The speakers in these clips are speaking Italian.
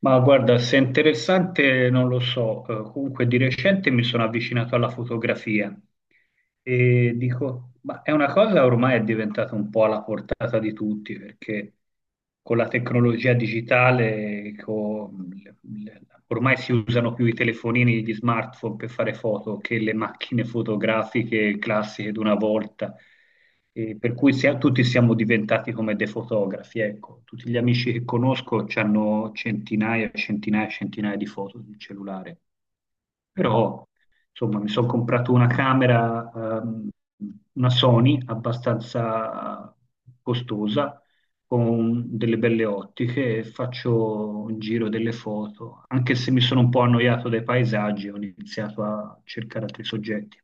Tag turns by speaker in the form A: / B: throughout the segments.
A: Ma guarda, se è interessante non lo so, comunque di recente mi sono avvicinato alla fotografia e dico, ma è una cosa ormai è diventata un po' alla portata di tutti perché con la tecnologia digitale, con le- ormai si usano più i telefonini, gli smartphone per fare foto che le macchine fotografiche classiche d'una volta. E per cui tutti siamo diventati come dei fotografi, ecco, tutti gli amici che conosco hanno centinaia e centinaia e centinaia di foto sul cellulare, però insomma mi sono comprato una camera, ehm, una Sony abbastanza costosa, con delle belle ottiche e faccio un giro delle foto, anche se mi sono un po' annoiato dai paesaggi, ho iniziato a cercare altri soggetti.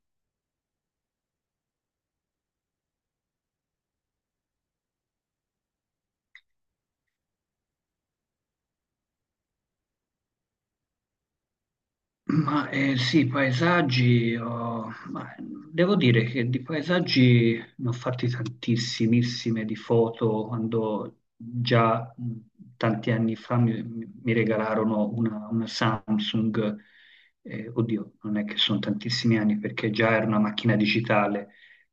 A: Ma sì, paesaggi, ma, devo dire che di paesaggi ne ho fatti tantissimissime di foto quando già tanti anni fa mi regalarono una Samsung, oddio, non è che sono tantissimi anni perché già era una macchina digitale,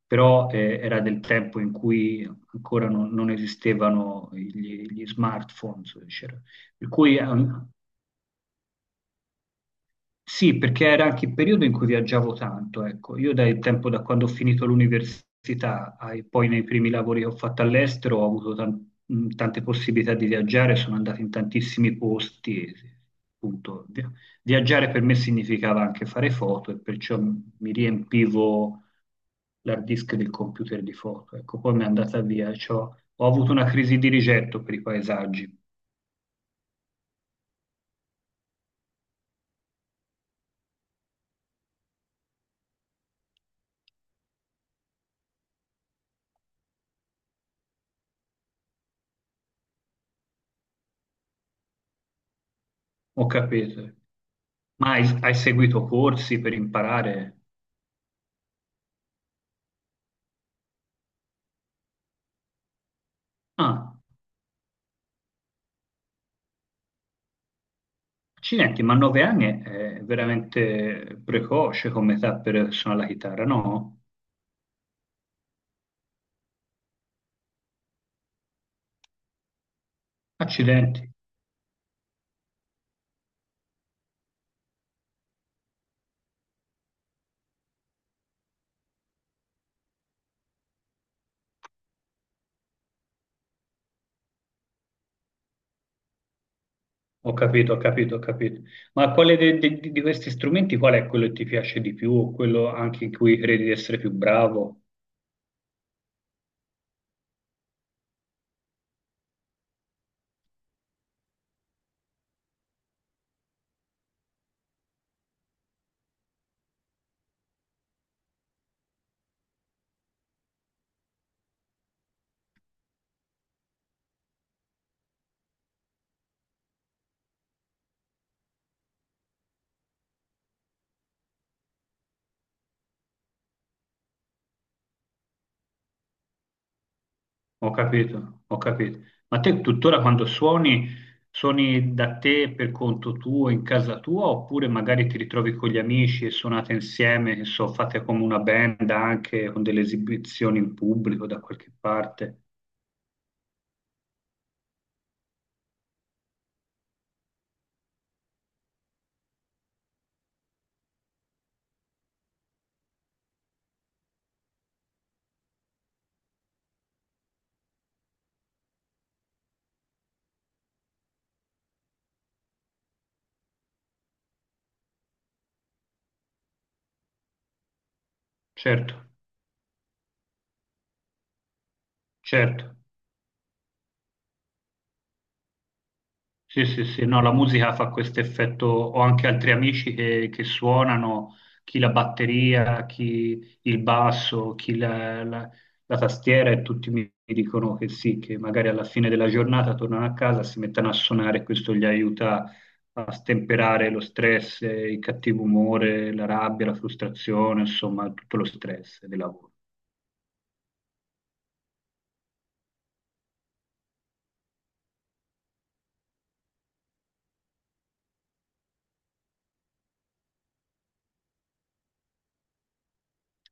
A: però era del tempo in cui ancora non esistevano gli smartphone, per cui sì, perché era anche il periodo in cui viaggiavo tanto, ecco. Io dal tempo da quando ho finito l'università poi nei primi lavori che ho fatto all'estero ho avuto tante possibilità di viaggiare, sono andato in tantissimi posti, e, appunto, viaggiare per me significava anche fare foto e perciò mi riempivo l'hard disk del computer di foto, ecco. Poi mi è andata via, ho avuto una crisi di rigetto per i paesaggi. Ho capito. Ma hai seguito corsi per imparare? Ah. Accidenti, ma 9 anni è veramente precoce come età per suonare la chitarra, no? Accidenti, ho capito, ho capito, ho capito. Ma quale di questi strumenti, qual è quello che ti piace di più o quello anche in cui credi di essere più bravo? Ho capito, ho capito. Ma te tuttora quando suoni, suoni da te per conto tuo, in casa tua, oppure magari ti ritrovi con gli amici e suonate insieme, che so, fate come una band anche con delle esibizioni in pubblico da qualche parte? Certo, certo. Sì, sì, sì, no, la musica fa questo effetto. Ho anche altri amici che suonano, chi la batteria, chi il basso, chi la tastiera e tutti mi dicono che sì, che magari alla fine della giornata tornano a casa, si mettono a suonare e questo gli aiuta a stemperare lo stress, il cattivo umore, la rabbia, la frustrazione, insomma, tutto lo stress del lavoro.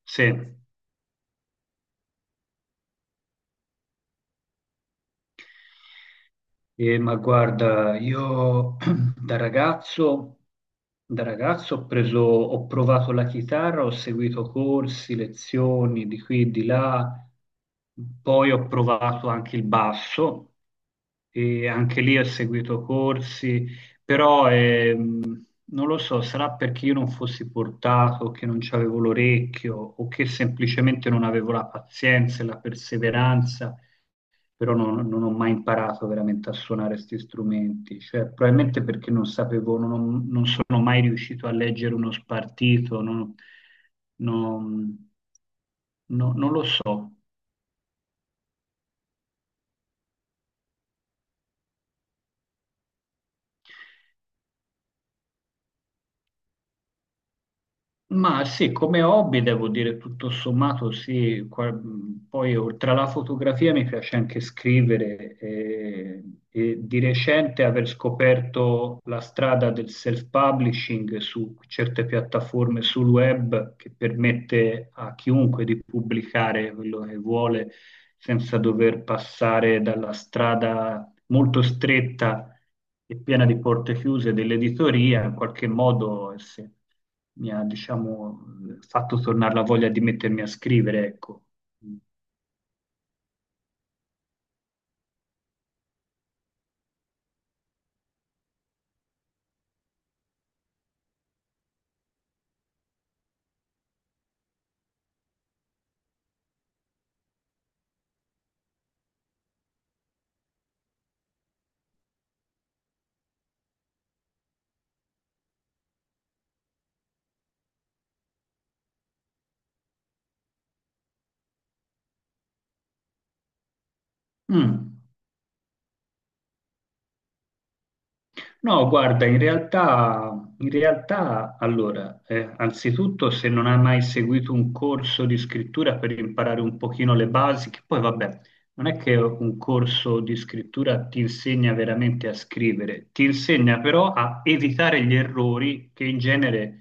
A: Sì. Ma guarda, io da ragazzo, da ragazzo ho preso, ho provato la chitarra, ho seguito corsi, lezioni di qui e di là, poi ho provato anche il basso e anche lì ho seguito corsi, però non lo so, sarà perché io non fossi portato, che non c'avevo l'orecchio o che semplicemente non avevo la pazienza e la perseveranza, però non ho mai imparato veramente a suonare questi strumenti, cioè probabilmente perché non sapevo, non sono mai riuscito a leggere uno spartito. Non, non- no- non lo so. Ma sì, come hobby devo dire tutto sommato sì, poi oltre alla fotografia mi piace anche scrivere e, di recente aver scoperto la strada del self-publishing su certe piattaforme sul web che permette a chiunque di pubblicare quello che vuole senza dover passare dalla strada molto stretta è piena di porte chiuse dell'editoria, in qualche modo mi ha, diciamo, fatto tornare la voglia di mettermi a scrivere, ecco. Mm. No, guarda, in realtà, allora, anzitutto se non hai mai seguito un corso di scrittura per imparare un pochino le basi, che poi vabbè, non è che un corso di scrittura ti insegna veramente a scrivere, ti insegna però a evitare gli errori che in genere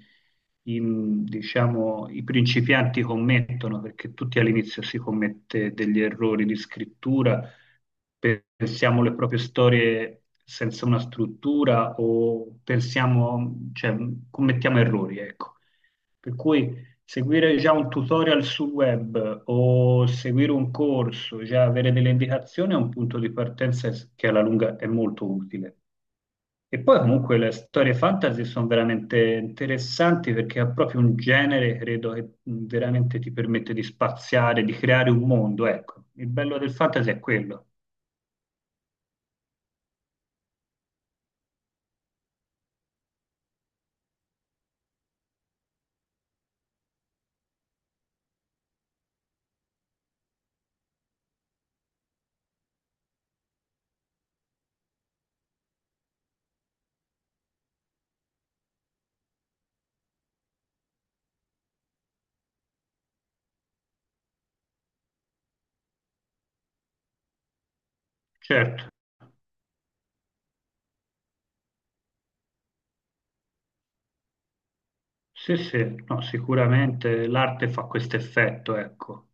A: i, diciamo, i principianti commettono, perché tutti all'inizio si commette degli errori di scrittura, pensiamo le proprie storie senza una struttura o pensiamo, cioè, commettiamo errori, ecco. Per cui seguire già un tutorial sul web o seguire un corso, già avere delle indicazioni è un punto di partenza che alla lunga è molto utile. E poi comunque le storie fantasy sono veramente interessanti perché è proprio un genere, credo, che veramente ti permette di spaziare, di creare un mondo, ecco. Il bello del fantasy è quello. Certo, sì, sì, no, sicuramente l'arte fa questo effetto, ecco.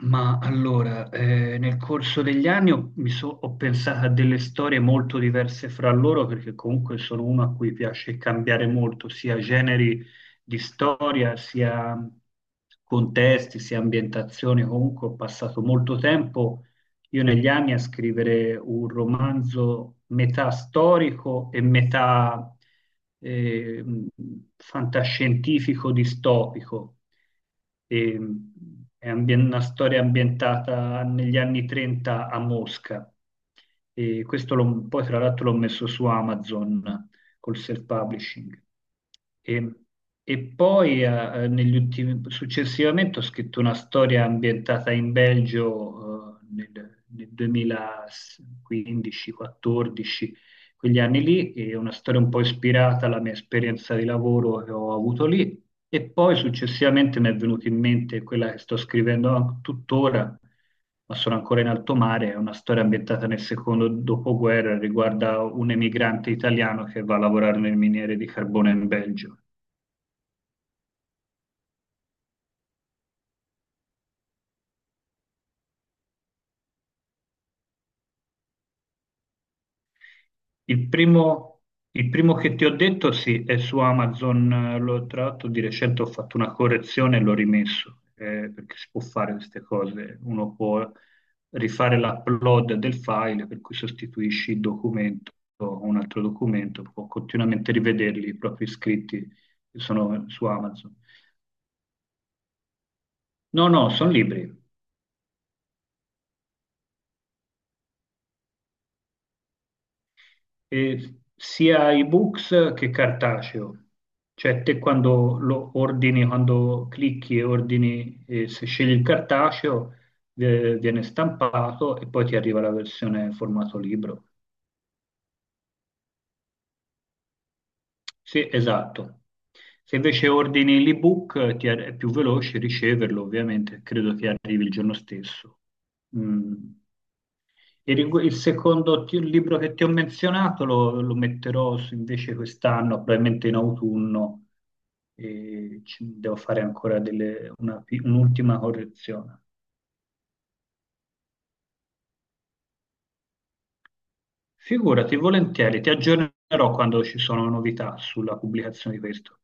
A: Ma allora, nel corso degli anni ho pensato a delle storie molto diverse fra loro perché comunque sono uno a cui piace cambiare molto, sia generi di storia, sia contesti, sia ambientazioni. Comunque ho passato molto tempo io negli anni a scrivere un romanzo metà storico e metà eh, mh, fantascientifico distopico. E, una storia ambientata negli anni 30 a Mosca. E questo poi tra l'altro l'ho messo su Amazon col self-publishing. E, e poi successivamente ho scritto una storia ambientata in Belgio, nel 2015-14, quegli anni lì, e una storia un po' ispirata alla mia esperienza di lavoro che ho avuto lì, e poi successivamente mi è venuto in mente quella che sto scrivendo tuttora, ma sono ancora in alto mare, è una storia ambientata nel secondo dopoguerra, riguarda un emigrante italiano che va a lavorare nel miniere di carbone in Belgio. Il primo, il primo che ti ho detto, sì, è su Amazon. L'ho, tra l'altro di recente ho fatto una correzione e l'ho rimesso, perché si può fare queste cose. Uno può rifare l'upload del file, per cui sostituisci il documento a un altro documento, può continuamente rivederli i propri iscritti che sono su Amazon. No, no, sono libri. Sia ebooks che cartaceo. Cioè te quando lo ordini, quando clicchi e ordini, se scegli il cartaceo, viene stampato e poi ti arriva la versione formato libro. Sì, esatto. Se invece ordini l'ebook, è più veloce riceverlo, ovviamente, credo ti arrivi il giorno stesso. Mm. Il secondo libro che ti ho menzionato lo metterò invece quest'anno, probabilmente in autunno, e devo fare ancora un'ultima correzione. Figurati, volentieri, ti aggiornerò quando ci sono novità sulla pubblicazione di questo.